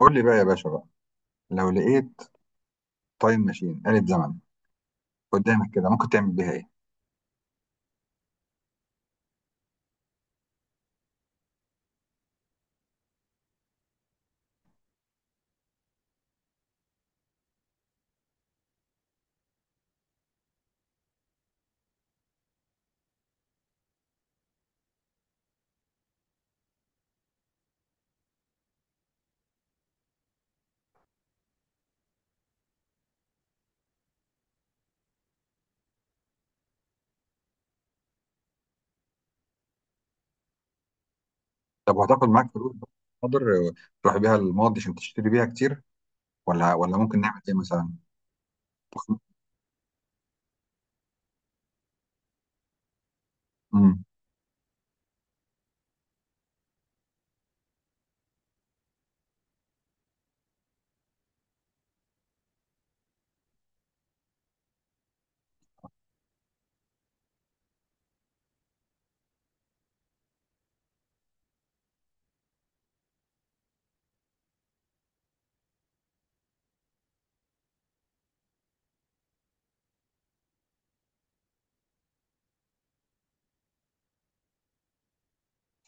قول لي بقى يا باشا بقى، لو لقيت تايم ماشين آلة زمن قدامك كده ممكن تعمل بيها ايه؟ طب وهتاخد معاك فلوس بقى قدر تروح بيها الماضي عشان تشتري بيها كتير ولا ممكن نعمل ايه مثلا؟ امم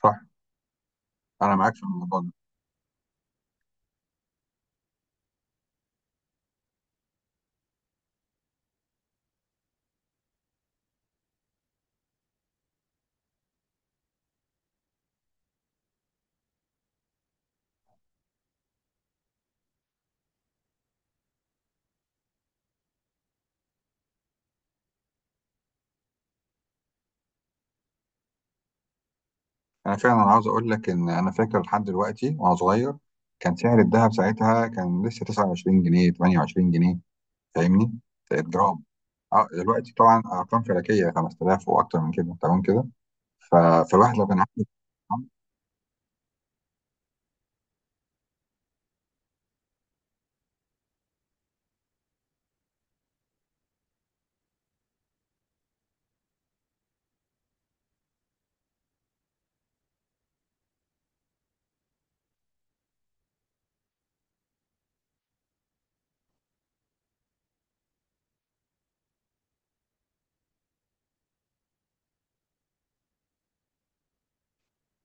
صح، انا معاك في الموضوع ده. انا فعلا عاوز اقول لك ان انا فاكر لحد دلوقتي وانا صغير كان سعر الذهب ساعتها كان لسه 29 جنيه 28 جنيه، فاهمني؟ جرام. اه دلوقتي طبعا ارقام فلكيه، 5,000 واكتر من كده، تمام كده. ف- فالواحد لو كان عنده،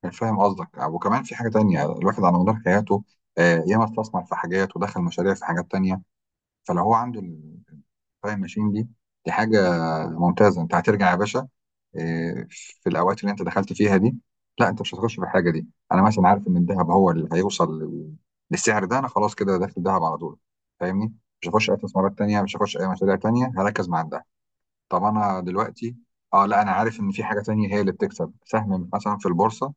يعني فاهم قصدك. وكمان في حاجة تانية، الواحد على مدار حياته ياما استثمر في حاجات ودخل مشاريع في حاجات تانية، فلو هو عنده التايم ماشين دي، دي حاجة ممتازة. انت هترجع يا باشا آه، في الأوقات اللي انت دخلت فيها دي. لا انت مش هتخش في الحاجة دي، أنا مثلا عارف إن الذهب هو اللي هيوصل للسعر ده، أنا خلاص كده داخل دهب على طول، فاهمني. مش هخش أي استثمارات تانية، مش هخش أي مشاريع تانية، هركز مع الدهب. طب أنا دلوقتي، اه لا انا عارف ان في حاجه تانية هي اللي بتكسب، سهم مثلا في البورصه،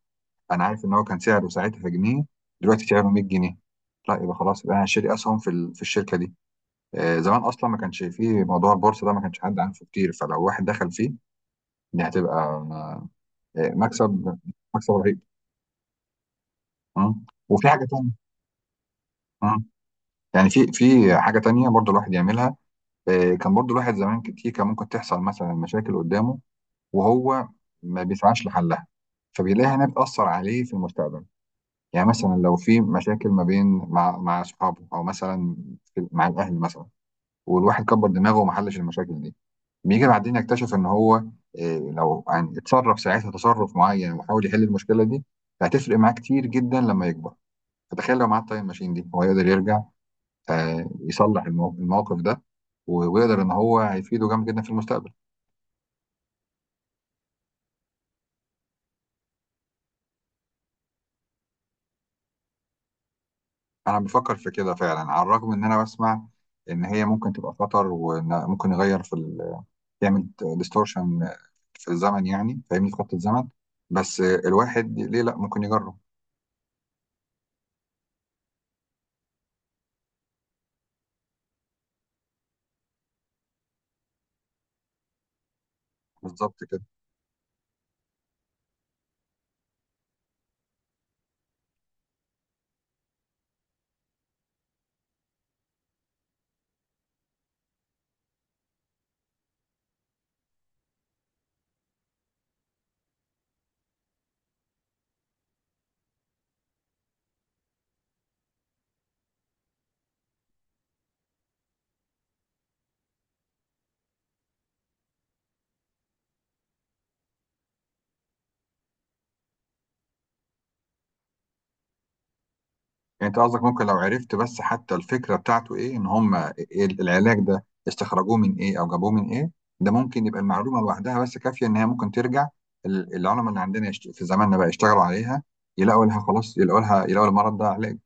انا عارف ان هو كان سعره ساعتها في جنيه، دلوقتي سعره 100 جنيه، لا يبقى خلاص يبقى انا شاري اسهم في في الشركه دي. زمان اصلا ما كانش فيه موضوع البورصه ده، ما كانش حد عارفه كتير، فلو واحد دخل فيه دي هتبقى مكسب، مكسب رهيب. وفي حاجه تانية. مم. يعني في في حاجه تانية برضو الواحد يعملها. كان برضو الواحد زمان كتير كان ممكن تحصل مثلا مشاكل قدامه، وهو ما بيسعاش لحلها، فبيلاقيها انها بتاثر عليه في المستقبل. يعني مثلا لو في مشاكل ما بين مع اصحابه، او مثلا مع الاهل مثلا، والواحد كبر دماغه وما حلش المشاكل دي، بيجي بعدين يكتشف ان هو إيه، لو يعني اتصرف ساعتها تصرف معين وحاول يحل المشكله دي، فهتفرق معاه كتير جدا لما يكبر. فتخيل لو معاه التايم ماشين دي، هو يقدر يرجع يصلح الموقف ده، ويقدر ان هو هيفيده جامد جدا في المستقبل. انا بفكر في كده فعلا، على الرغم ان انا بسمع ان هي ممكن تبقى خطر وممكن يغير في، تعمل ديستورشن في الزمن، يعني فاهمني، في خط الزمن، بس الواحد ليه لا ممكن يجرب. بالظبط كده. يعني انت قصدك ممكن لو عرفت بس حتى الفكره بتاعته ايه، ان هم إيه العلاج ده، استخرجوه من ايه او جابوه من ايه، ده ممكن يبقى المعلومه لوحدها بس كافيه ان هي ممكن ترجع العلماء اللي عندنا في زماننا بقى يشتغلوا عليها، يلاقوا لها خلاص، يلاقوا لها، يلاقوا المرض ده علاج.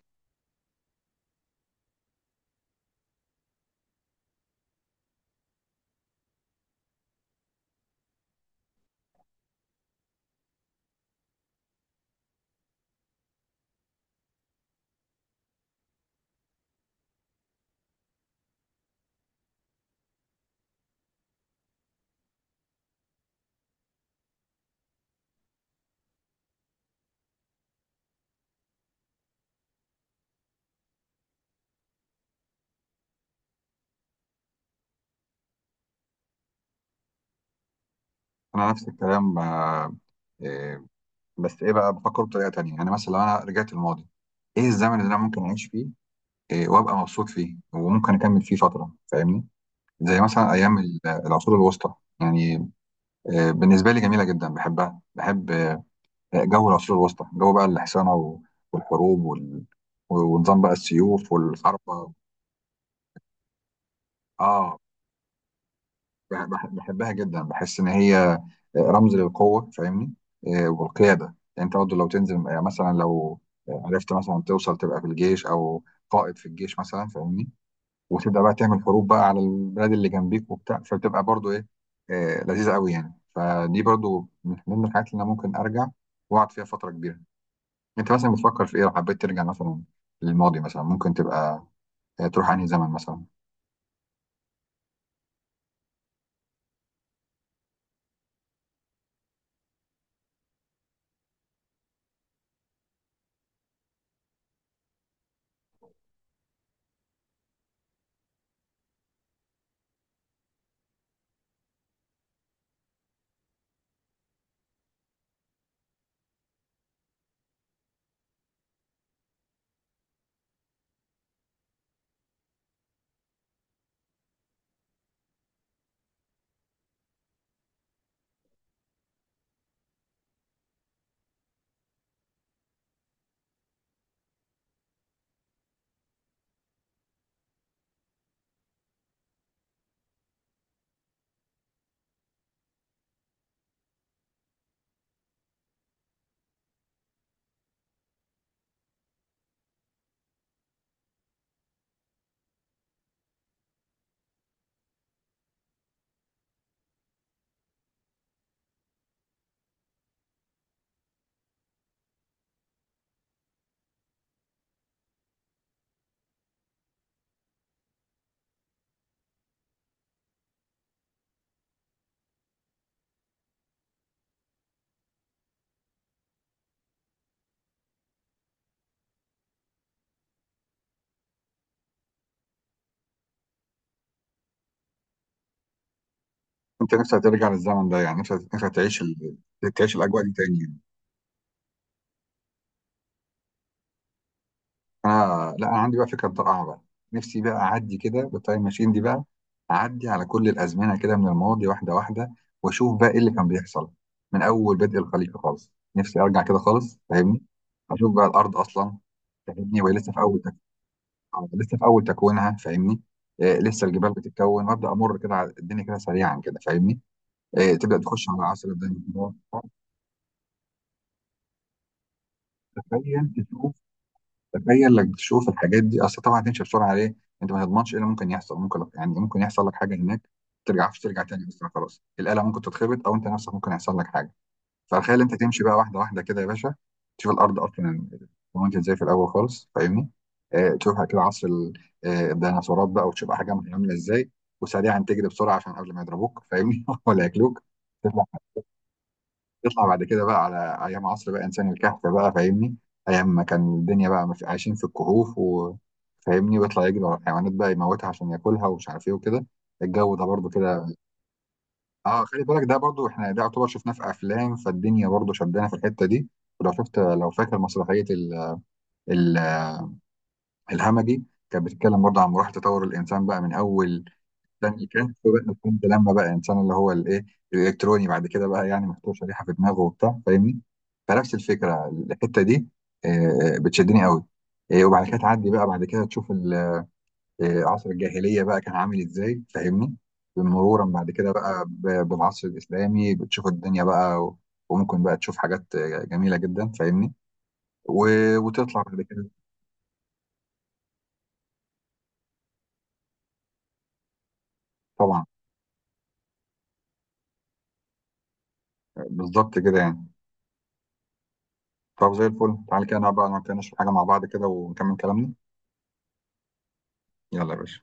انا نفس الكلام آه، إيه، بس ايه بقى، بفكر بطريقه تانيه. يعني مثلا لو انا رجعت الماضي، ايه الزمن اللي انا ممكن اعيش فيه وابقى مبسوط فيه وممكن اكمل فيه فتره، فاهمني؟ زي مثلا ايام العصور الوسطى، يعني بالنسبه لي جميله جدا، بحبها، بحب جو العصور الوسطى، جو بقى الحصانه والحروب ونظام بقى السيوف والحربه. اه بحبها جدا، بحس ان هي رمز للقوه، فاهمني، والقياده. يعني انت برضه لو تنزل مثلا لو عرفت مثلا توصل تبقى في الجيش، او قائد في الجيش مثلا، فاهمني، وتبدا بقى تعمل حروب بقى على البلاد اللي جنبيك وبتاع، فبتبقى برضو ايه، آه لذيذه قوي يعني. فدي برضو من ضمن الحاجات اللي انا ممكن ارجع واقعد فيها فتره كبيره. انت مثلا بتفكر في ايه، لو حبيت ترجع مثلا للماضي مثلا، ممكن تبقى آه تروح انهي زمن مثلا؟ انت نفسك ترجع للزمن ده، يعني نفسك نفسك تعيش تعيش الاجواء دي تاني يعني؟ اه لا، انا عندي بقى فكره رائعه بقى، نفسي بقى اعدي كده بالتايم ماشين دي بقى، اعدي على كل الازمنه كده من الماضي واحده واحده، واشوف بقى ايه اللي كان بيحصل من اول بدء الخليقه خالص. نفسي ارجع كده خالص، فاهمني، اشوف بقى الارض اصلا، فاهمني، وهي لسه في لسه في اول تكوينها، فاهمني، آه لسه الجبال بتتكون. وابدا امر كده على الدنيا كده سريعا كده، فاهمني، آه تبدا تخش على عصر الدنيا. تخيل تشوف، تخيل لك تشوف الحاجات دي، اصل طبعا هتمشي بسرعه عليه، انت ما تضمنش ايه اللي ممكن يحصل. ممكن يعني ممكن يحصل لك حاجه هناك ترجعش، ترجع تاني اصلا، خلاص الاله ممكن تتخبط، او انت نفسك ممكن يحصل لك حاجه. فتخيل انت تمشي بقى واحده واحده كده يا باشا، تشوف الارض اصلا وانت ازاي في الاول خالص، فاهمني، آه تشوف كده عصر الديناصورات بقى، وتشوف حاجه عامله ازاي، وسريعا تجري بسرعه عشان قبل ما يضربوك، فاهمني، ولا ياكلوك. يطلع بعد كده بقى على ايام عصر بقى انسان الكهف بقى، فاهمني، ايام ما كان الدنيا بقى عايشين في الكهوف، وفاهمني، ويطلع يجري ورا الحيوانات بقى يموتها عشان ياكلها ومش عارف ايه وكده، الجو ده برضو كده. اه، خلي بالك ده برضو، احنا ده يعتبر شفناه في افلام، فالدنيا برضو شدنا في الحته دي. ولو شفت، لو فاكر مسرحيه ال- الهمجي، كانت بتتكلم برضو عن مراحل تطور الانسان بقى، من اول تاني كان، فبقى الحمد لما بقى انسان اللي هو الايه الالكتروني بعد كده بقى، يعني محتوى شريحه في دماغه وبتاع، فاهمني. فنفس الفكره الحته دي بتشدني قوي. وبعد كده تعدي بقى، بعد كده تشوف عصر الجاهليه بقى كان عامل ازاي، فاهمني، مرورا بعد كده بقى بالعصر الاسلامي، بتشوف الدنيا بقى وممكن بقى تشوف حاجات جميله جدا، فاهمني، وتطلع بعد كده. طبعا بالظبط كده يعني. طب زي الفل تعالى كده، نقعد بقى، نقعد كده نشرب حاجه مع بعض كده ونكمل كلامنا. يلا يا باشا.